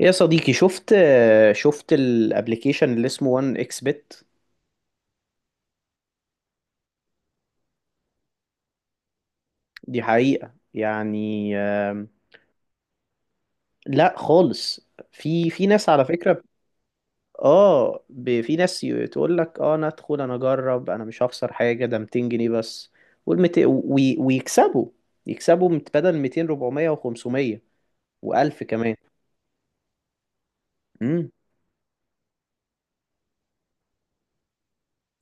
يا صديقي، شفت الابليكيشن اللي اسمه 1 اكس بت. دي حقيقة يعني. لا خالص. في ناس، على فكرة. اه، في ناس تقول لك: اه، انا ادخل، انا اجرب، انا مش هخسر حاجة، ده 200 جنيه بس. ويكسبوا بدل 200، 400 و500 و1000 كمان. امم.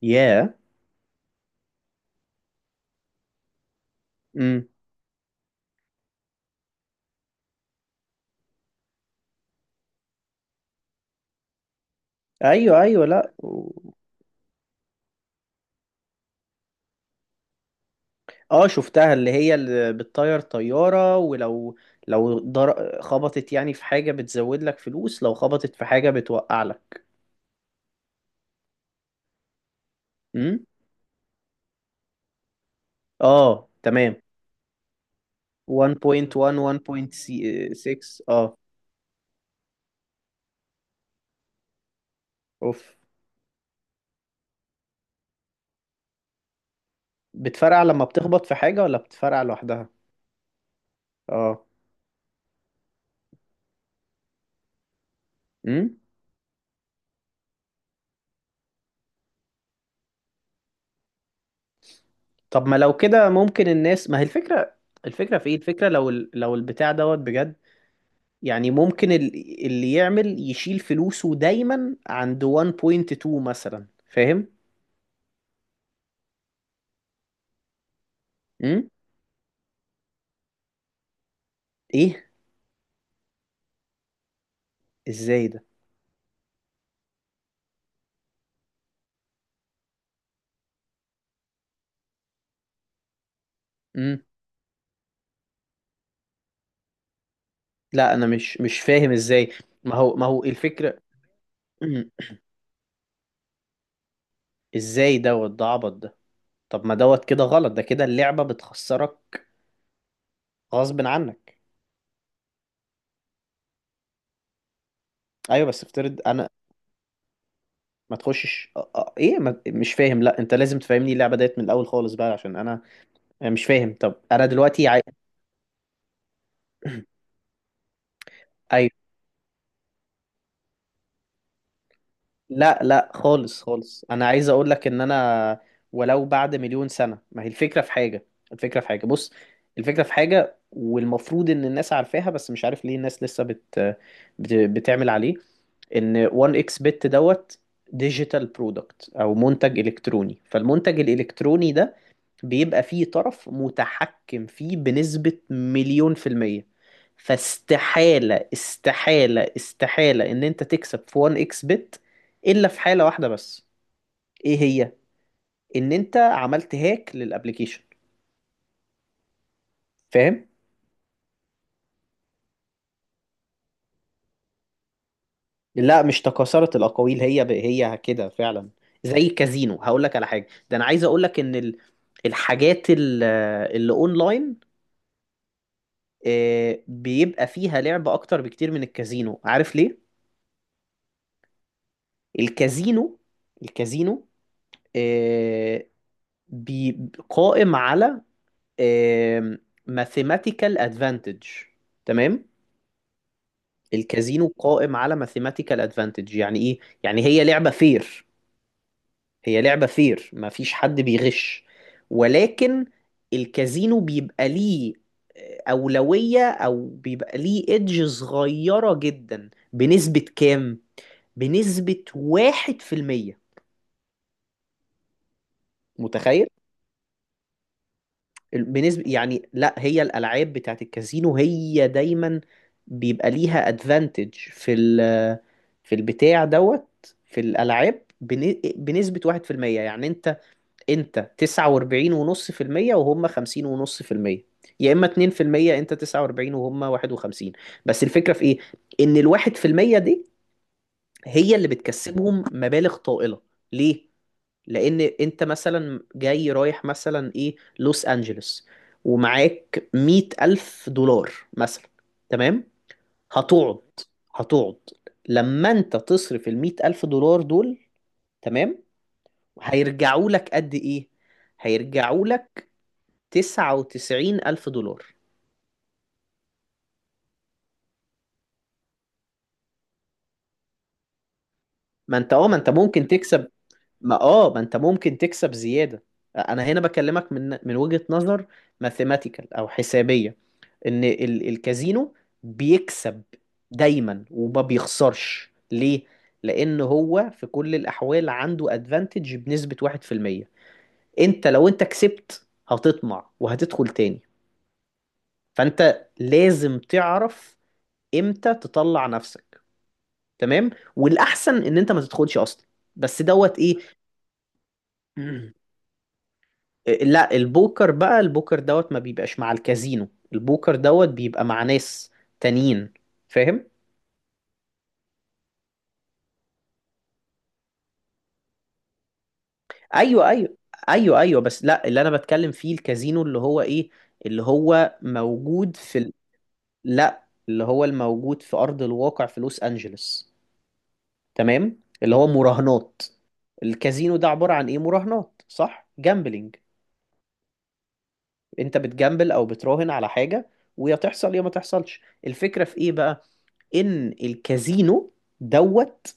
ياه. امم. ايوه، ايوه، لا. اه، شفتها، اللي هي اللي بتطير طيارة. ولو لو خبطت يعني في حاجة بتزود لك فلوس، لو خبطت في حاجة بتوقع لك. امم. اه، تمام. 1.1، 1.6، اه. اوف. بتفرقع لما بتخبط في حاجة، ولا بتفرقع لوحدها؟ اه. امم. طب ما لو كده ممكن الناس، ما هي الفكرة؟ الفكرة في ايه؟ الفكرة لو لو البتاع دوت بجد، يعني ممكن اللي يعمل يشيل فلوسه دايما عند 1.2 مثلا، فاهم؟ امم. ايه. ازاي ده؟ امم. لا، انا مش فاهم ازاي. ما هو الفكره. مم. ازاي دوت؟ ده عبط ده. طب ما دوت كده غلط، ده كده اللعبه بتخسرك غصب عنك. ايوه، بس افترض انا. ما تخشش ايه، ما... مش فاهم. لا، انت لازم تفهمني اللعبه ديت من الاول خالص بقى عشان انا. أنا مش فاهم. طب انا دلوقتي ايوه. لا خالص خالص، انا عايز اقول لك ان انا، ولو بعد مليون سنة. ما هي الفكرة في حاجة؟ الفكرة في حاجة، بص. الفكرة في حاجة، والمفروض ان الناس عارفاها، بس مش عارف ليه الناس لسه بتعمل عليه. ان 1 اكس بت دوت ديجيتال برودكت، او منتج الكتروني. فالمنتج الالكتروني ده بيبقى فيه طرف متحكم فيه بنسبة مليون في المية. فاستحالة استحالة استحالة ان انت تكسب في 1 اكس بت، الا في حالة واحدة بس. ايه هي؟ ان انت عملت هاك للابليكيشن، فاهم؟ لا مش تكاثرت الاقاويل، هي هي كده فعلا. زي كازينو، هقول لك على حاجة. ده انا عايز اقول لك ان الحاجات اللي اونلاين، بيبقى فيها لعب اكتر بكتير من الكازينو. عارف ليه؟ الكازينو، الكازينو، آه، بي قائم على ماثيماتيكال ادفانتج، تمام. الكازينو قائم على ماثيماتيكال ادفانتج، يعني ايه؟ يعني هي لعبة فير. هي لعبة فير، ما فيش حد بيغش. ولكن الكازينو بيبقى ليه أولوية، أو بيبقى ليه إدج صغيرة جدا، بنسبة كام؟ بنسبة واحد في المية. متخيل؟ بنسبة، يعني لا هي الألعاب بتاعت الكازينو هي دايما بيبقى ليها ادفانتج في ال، في البتاع دوت، في الألعاب، بنسبة واحد في المية. يعني انت، انت تسعة واربعين ونص في المية وهم خمسين ونص في المية، يا اما اتنين في المية انت تسعة واربعين وهم واحد وخمسين. بس الفكرة في ايه؟ ان الواحد في المية دي هي اللي بتكسبهم مبالغ طائلة. ليه؟ لان انت مثلا جاي رايح مثلا ايه لوس انجلوس، ومعاك مية الف دولار مثلا، تمام. هتقعد، هتقعد لما انت تصرف المية الف دولار دول، تمام. هيرجعوا لك قد ايه؟ هيرجعوا لك تسعة وتسعين الف دولار. ما انت اه، ما انت ممكن تكسب. ما اه، ما انت ممكن تكسب زيادة. انا هنا بكلمك من وجهة نظر ماثيماتيكال او حسابية، ان الكازينو بيكسب دايما وما بيخسرش. ليه؟ لان هو في كل الاحوال عنده ادفانتج بنسبة 1%. انت لو انت كسبت هتطمع وهتدخل تاني، فانت لازم تعرف امتى تطلع نفسك، تمام. والاحسن ان انت ما تدخلش اصلا، بس دوت ايه. لا البوكر بقى، البوكر دوت ما بيبقاش مع الكازينو. البوكر دوت بيبقى مع ناس تانيين، فاهم؟ ايوه ايوه. ايوه ايوه، بس لا اللي انا بتكلم فيه الكازينو اللي هو ايه، اللي هو موجود في لا اللي هو الموجود في ارض الواقع في لوس انجلوس، تمام، اللي هو مراهنات. الكازينو ده عبارة عن ايه؟ مراهنات، صح؟ جامبلينج. انت بتجامبل او بتراهن على حاجة، ويا تحصل يا ما تحصلش. الفكرة في ايه بقى؟ ان الكازينو دوت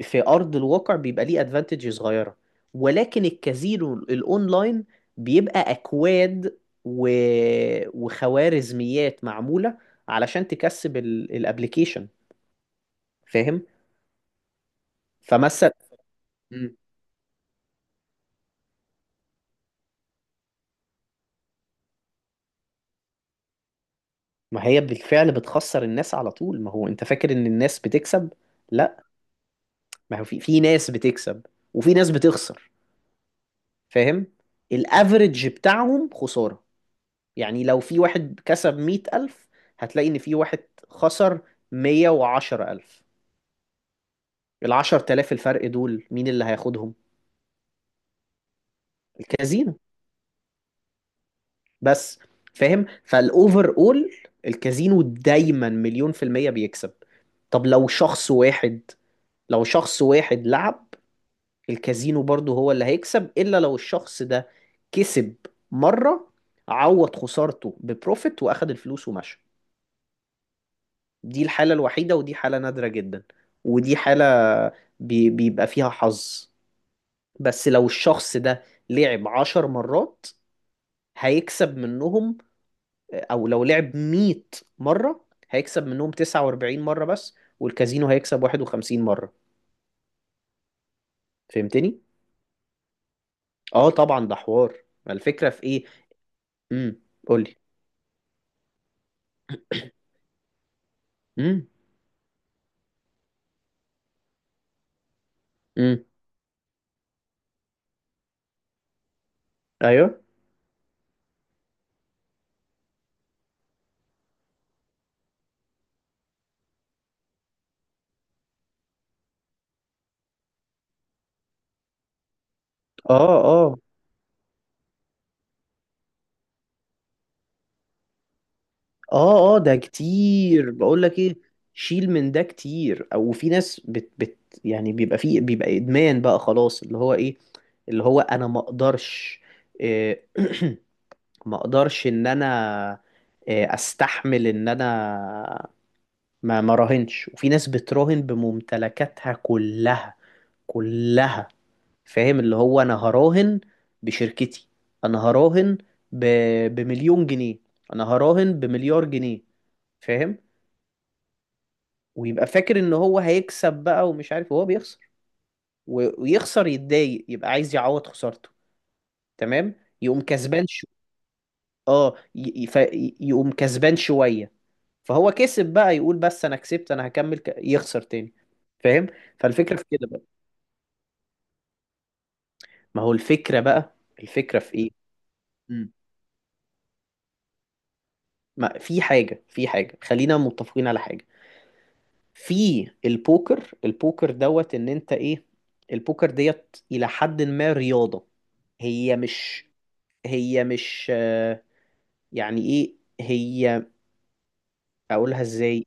في ارض الواقع بيبقى ليه ادفانتج صغيره، ولكن الكازينو الاونلاين بيبقى اكواد و... وخوارزميات معموله علشان تكسب الابلكيشن، فاهم؟ فمثلا. مم. ما هي بالفعل بتخسر الناس على طول، ما هو انت فاكر ان الناس بتكسب؟ لا، ما هو في ناس بتكسب وفي ناس بتخسر، فاهم؟ الافرج بتاعهم خساره. يعني لو في واحد كسب مية ألف، هتلاقي إن في واحد خسر مية وعشرة ألف. العشر تلاف الفرق دول مين اللي هياخدهم؟ الكازينو، بس. فاهم؟ فالأوفر أول الكازينو دايما مليون في المية بيكسب. طب لو شخص واحد، لو شخص واحد لعب، الكازينو برضه هو اللي هيكسب، إلا لو الشخص ده كسب مرة، عوض خسارته ببروفيت وأخد الفلوس ومشى. دي الحالة الوحيدة ودي حالة نادرة جدا. ودي حالة بيبقى فيها حظ. بس لو الشخص ده لعب عشر مرات، هيكسب منهم، أو لو لعب مية مرة، هيكسب منهم تسعة وأربعين مرة بس، والكازينو هيكسب واحد وخمسين مرة. فهمتني؟ اه طبعا، ده حوار. ما الفكرة في ايه؟ امم. قولي. امم. امم. ايوه. اه اه. اه اه، ده كتير بقول لك ايه. شيل من ده كتير، او في ناس بت بت يعني بيبقى فيه، بيبقى ادمان بقى خلاص اللي هو ايه، اللي هو انا ما اقدرش، إيه، ما اقدرش ان انا، استحمل ان انا ما راهنش. وفي ناس بتراهن بممتلكاتها كلها، كلها، فاهم؟ اللي هو انا هراهن بشركتي، انا هراهن ب... بمليون جنيه، انا هراهن بمليار جنيه، فاهم؟ ويبقى فاكر ان هو هيكسب بقى ومش عارف وهو بيخسر، ويخسر يتضايق، يبقى عايز يعوض خسارته، تمام. يقوم كسبان اه، يقوم كسبان شوية. فهو كسب بقى يقول بس انا كسبت، انا هكمل يخسر تاني، فاهم؟ فالفكرة في كده بقى. ما هو الفكرة بقى، الفكرة في ايه؟ مم. ما في حاجة، في حاجة خلينا متفقين على حاجة. في البوكر، البوكر دوت ان انت ايه، البوكر ديت الى حد ما رياضة. هي مش، هي مش يعني ايه، هي، اقولها ازاي؟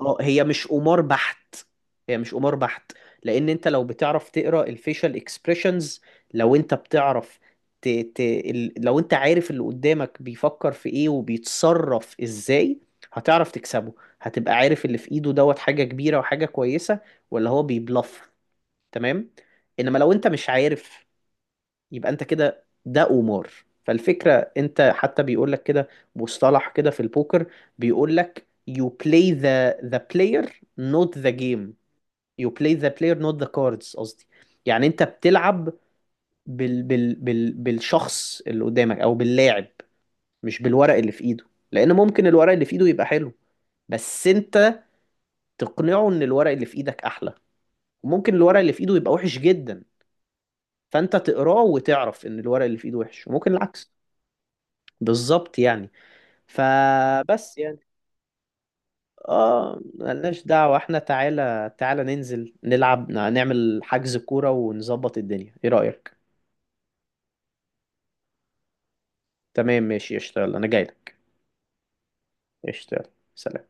اه، هي مش قمار بحت. هي مش قمار بحت، لان انت لو بتعرف تقرا الفيشال اكسبريشنز، لو انت بتعرف لو انت عارف اللي قدامك بيفكر في ايه وبيتصرف ازاي، هتعرف تكسبه، هتبقى عارف اللي في ايده دوت حاجة كبيرة وحاجة كويسة، ولا هو بيبلف، تمام. انما لو انت مش عارف، يبقى انت كده، ده قمار. فالفكرة، انت حتى بيقول لك كده، مصطلح كده في البوكر، بيقول لك: you play the player not the game. You play the player not the cards، قصدي. يعني انت بتلعب بالشخص اللي قدامك، او باللاعب، مش بالورق اللي في ايده. لان ممكن الورق اللي في ايده يبقى حلو، بس انت تقنعه ان الورق اللي في ايدك احلى، وممكن الورق اللي في ايده يبقى وحش جدا، فانت تقراه وتعرف ان الورق اللي في ايده وحش، وممكن العكس. بالظبط يعني. فبس يعني. اه، ملناش دعوة احنا. تعالى، تعالى ننزل نلعب، نعمل حجز كورة ونظبط الدنيا، ايه رأيك؟ تمام ماشي، اشتغل، انا جاي لك. اشتغل. سلام.